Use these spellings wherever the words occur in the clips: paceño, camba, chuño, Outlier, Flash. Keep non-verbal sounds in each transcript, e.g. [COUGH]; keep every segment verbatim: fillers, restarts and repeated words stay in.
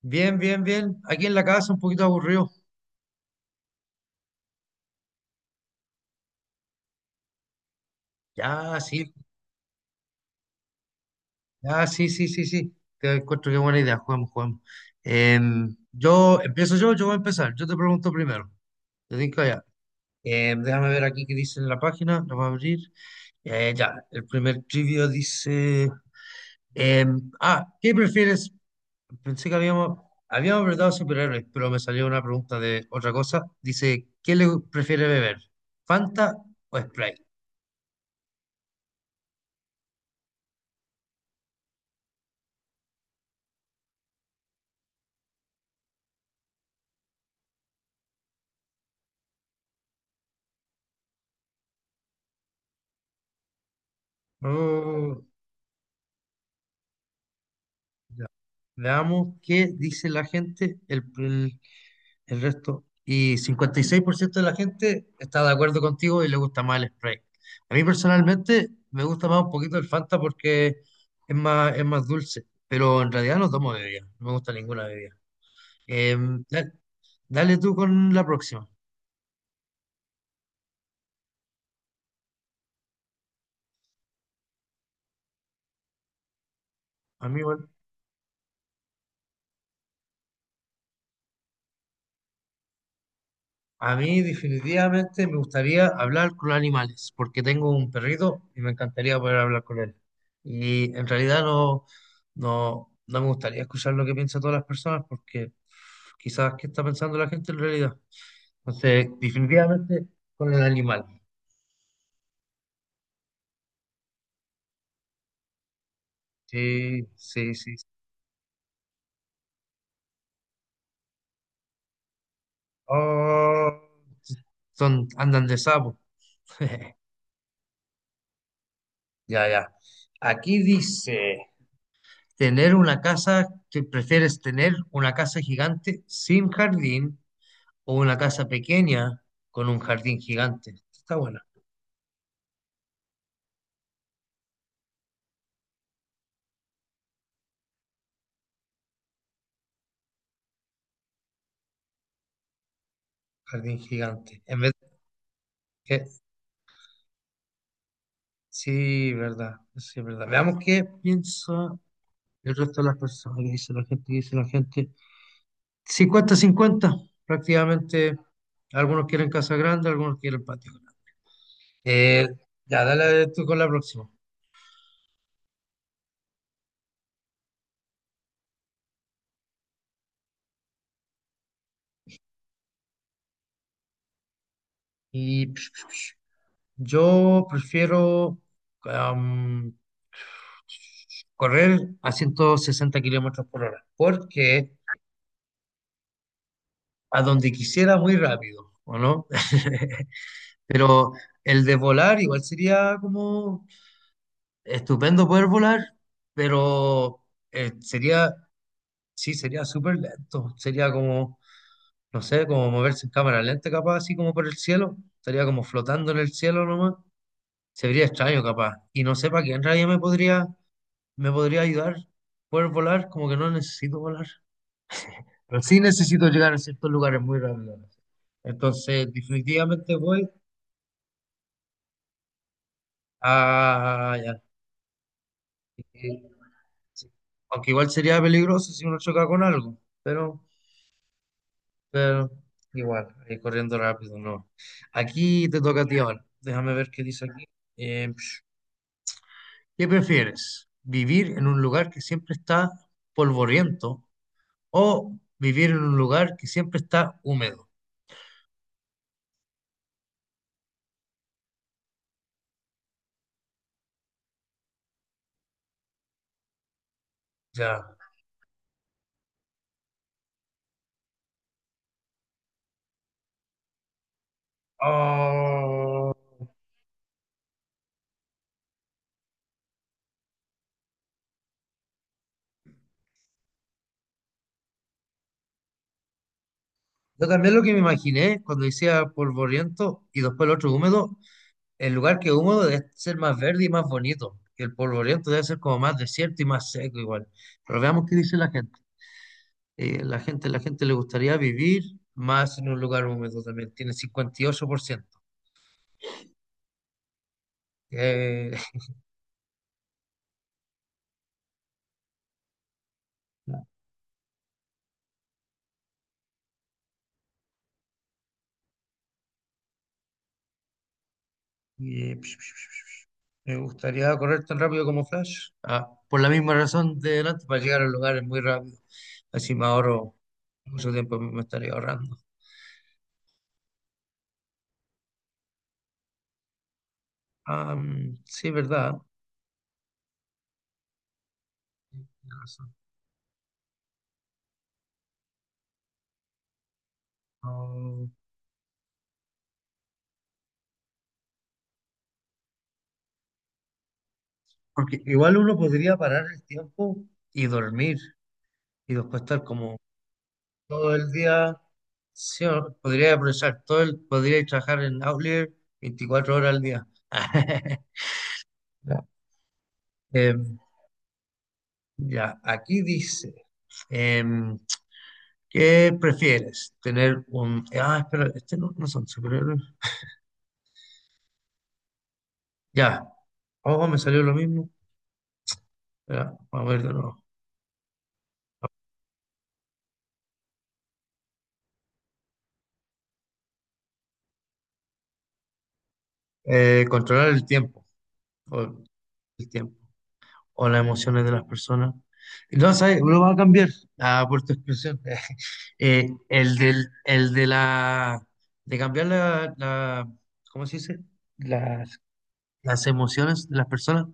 Bien, bien, bien. Aquí en la casa un poquito aburrido. Ya, sí, ya, sí, sí, sí, sí. Te encuentro qué buena idea. Juguemos, juguemos. Em, yo empiezo yo, yo voy a empezar. Yo te pregunto primero. Te digo ya. Em, déjame ver aquí qué dice en la página. La voy a abrir. Eh, ya, el primer trivio dice. em, ah, ¿qué prefieres? Pensé que habíamos, habíamos preguntado superhéroes, pero me salió una pregunta de otra cosa. Dice, ¿qué le prefiere beber? ¿Fanta o Sprite? Oh. Ya. Veamos qué dice la gente, el, el- el resto. Y cincuenta y seis por ciento de la gente está de acuerdo contigo y le gusta más el Sprite. A mí personalmente me gusta más un poquito el Fanta porque es más, es más dulce, pero en realidad no tomo bebida, no me gusta ninguna bebida. Em, da- dale tú con la próxima. Amigo. A mí definitivamente me gustaría hablar con animales, porque tengo un perrito y me encantaría poder hablar con él. Y en realidad no, no, no me gustaría escuchar lo que piensan todas las personas, porque quizás qué está pensando la gente en realidad. Entonces, definitivamente con el animal. Sí, sí, sí. Oh, son, andan de sapo. [LAUGHS] Ya, ya. Aquí dice. tener una casa, que prefieres tener una casa gigante sin jardín o una casa pequeña con un jardín gigante. Está buena, jardín gigante. En vez de que, sí, verdad, sí, verdad. Veamos qué piensa el resto de las personas, qué dice la gente, qué dice la gente. Cincuenta cincuenta prácticamente. Algunos quieren casa grande, algunos quieren patio grande. Eh, ya, dale tú con la próxima. Y yo prefiero am, correr a 160 kilómetros por hora, porque a donde quisiera muy rápido, ¿o no? [LAUGHS] Pero el de volar igual sería como estupendo poder volar, pero eh, sería, sí, sería súper lento, sería como, no sé, como moverse en cámara lenta capaz, así como por el cielo, estaría como flotando en el cielo nomás, se vería extraño capaz, y no sé para qué en realidad me podría, me podría ayudar poder volar, como que no necesito volar. Pero sí necesito llegar a ciertos lugares muy rápido, ¿no? Entonces, definitivamente voy a... ya, eh, sí. Aunque igual sería peligroso si uno choca con algo, pero, pero igual, eh, corriendo rápido, no. Aquí te toca a ti ahora. Déjame ver qué dice aquí. Eh, ¿qué prefieres? ¿Vivir en un lugar que siempre está polvoriento o vivir en un lugar que siempre está húmedo? Ya. Oh. Yo también lo que me imaginé cuando decía polvoriento y después el otro húmedo, el lugar que es húmedo debe ser más verde y más bonito. Y el polvoriento debe ser como más desierto y más seco igual. Pero veamos qué dice la gente. Eh, la gente, la gente le gustaría vivir más en un lugar húmedo también. Tiene cincuenta y ocho por ciento. Eh, [LAUGHS] y, me gustaría correr tan rápido como Flash. Ah, por la misma razón de delante, para llegar a lugares muy rápido. Así me ahorro mucho tiempo, me estaría ahorrando. Am, sí, verdad. Tienes razón. No. Porque igual uno podría parar el tiempo y dormir y después estar como todo el día. Sí, o- podría aprovechar todo el, podría trabajar en Outlier veinticuatro horas al día. [LAUGHS] Ya. Em, ya, aquí dice, em, ¿qué prefieres? Tener un... Ah, espera, este no, no son superhéroes. Ya, oh, me salió lo mismo. Espera, vamos a ver de nuevo. Eh, controlar el tiempo. El tiempo o las emociones de las personas. No, ¿sabes? Lo va a cambiar ah, por tu expresión. [LAUGHS] Eh, el del, el de la, de cambiar la, la- ¿cómo se dice? Las, las emociones de las personas,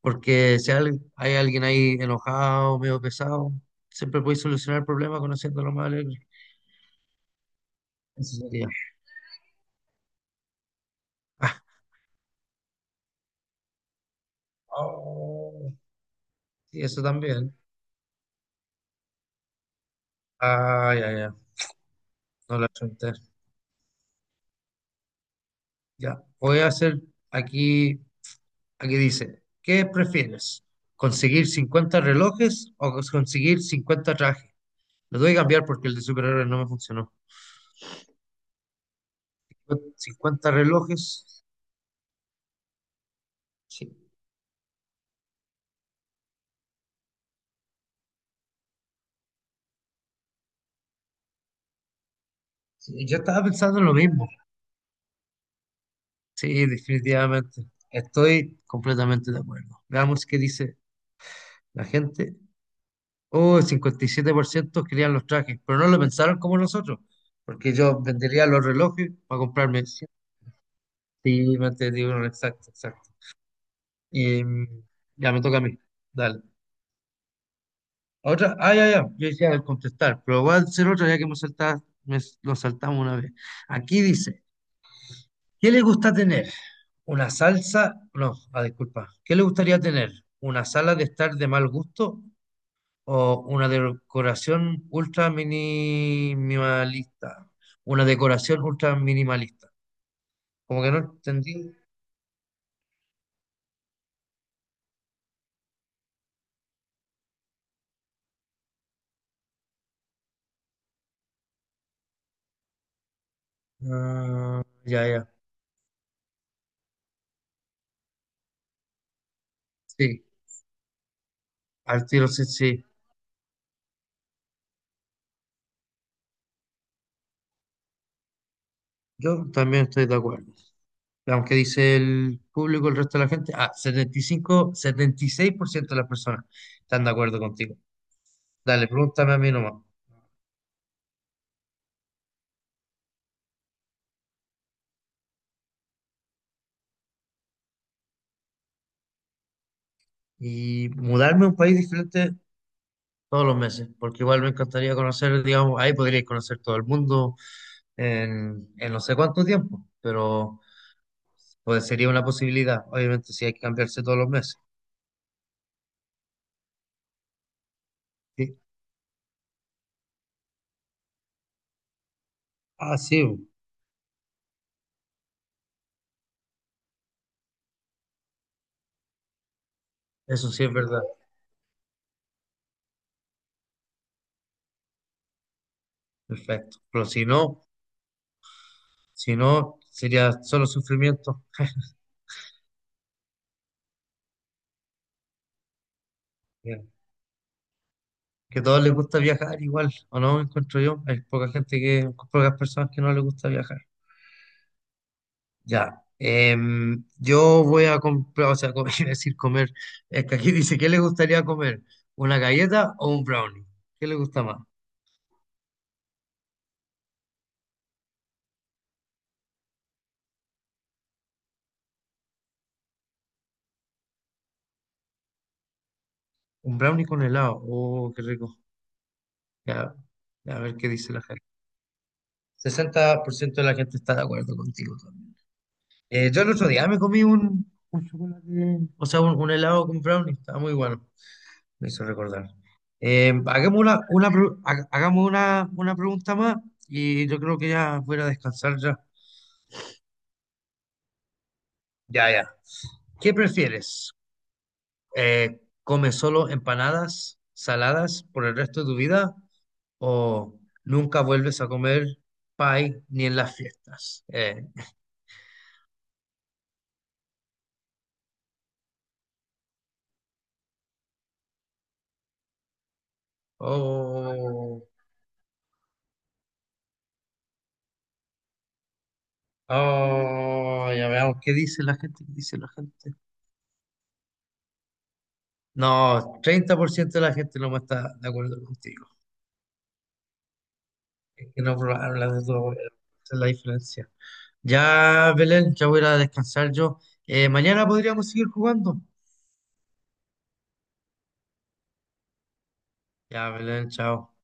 porque si al- hay alguien ahí enojado, medio pesado, siempre puedes solucionar el problema conociéndolo más alegre. Eso sería. Ah, oh, sí, eso también. Ah, ya, ya, no la apunté. Ya, voy a hacer aquí. Aquí dice, ¿qué prefieres? ¿Conseguir cincuenta relojes o cons- conseguir cincuenta trajes? Lo voy a cambiar porque el de superhéroes no me funcionó. Cincuenta relojes. Sí. Sí, yo estaba pensando en lo mismo. Sí, definitivamente. Estoy completamente de acuerdo. Veamos qué dice la gente. Oh, el cincuenta y siete por ciento querían los trajes, pero no lo pensaron como nosotros, porque yo vendería los relojes para comprarme. Sí, me entendí, bueno, exacto, exacto. Y mm, ya me toca a mí. Dale. Otra, ah, ya, ya, yo decía al contestar, pero voy a hacer otra ya que hemos saltado, me- lo saltamos una vez. Aquí dice, ¿qué le gusta tener? ¿Una salsa? No, ah, disculpa. ¿Qué le gustaría tener? ¿Una sala de estar de mal gusto o una decoración ultra minimalista? Una decoración ultra minimalista. Como que no entendí. Ah, ya, ya. Sí, al tiro sí, sí. Yo también estoy de acuerdo. Veamos qué dice el público, el resto de la gente. Ah, setenta setenta y y cinco setenta y seis por ciento de las personas están de acuerdo contigo. Dale, pregúntame a mí nomás. Y mudarme a un país diferente todos los meses, porque igual me encantaría conocer, digamos, ahí podríais conocer todo el mundo en, en no sé cuánto tiempo, pero pues sería una posibilidad, obviamente, si hay que cambiarse todos los meses. Sí. Ah, sí, eso sí es verdad. Perfecto. Pero si no, si no, sería solo sufrimiento. [LAUGHS] Que a todos les gusta viajar igual, ¿o no? Encuentro yo. Hay poca gente que, pocas personas que no les gusta viajar. Ya. em, yo voy a comprar, o sea, comer, [LAUGHS] iba a decir comer. Es que aquí dice, ¿qué le gustaría comer? ¿Una galleta o un brownie? ¿Qué le gusta más? Un brownie con helado. Oh, qué rico. Ya, ya, a ver qué dice la gente. Sesenta por ciento de la gente está de acuerdo contigo también. Eh, yo el otro día me comí un, un chocolate, o sea, un, un helado con brownie. Estaba muy bueno. Me hizo recordar. Eh, hagamos una, una, pro- ha- hagamos una, una pregunta más y yo creo que ya voy a descansar ya. Ya, ya. ¿Qué prefieres? Eh, ¿come solo empanadas saladas por el resto de tu vida o nunca vuelves a comer pie ni en las fiestas? Eh, oh, oh, ya veamos qué dice la gente, qué dice la gente. No, treinta por ciento de la gente no está de acuerdo contigo. Es que no hablas de todo, eh, esa es la diferencia. Ya, Belén, ya voy a ir a descansar yo. Eh, mañana podríamos seguir jugando. Ya, Belén, chao.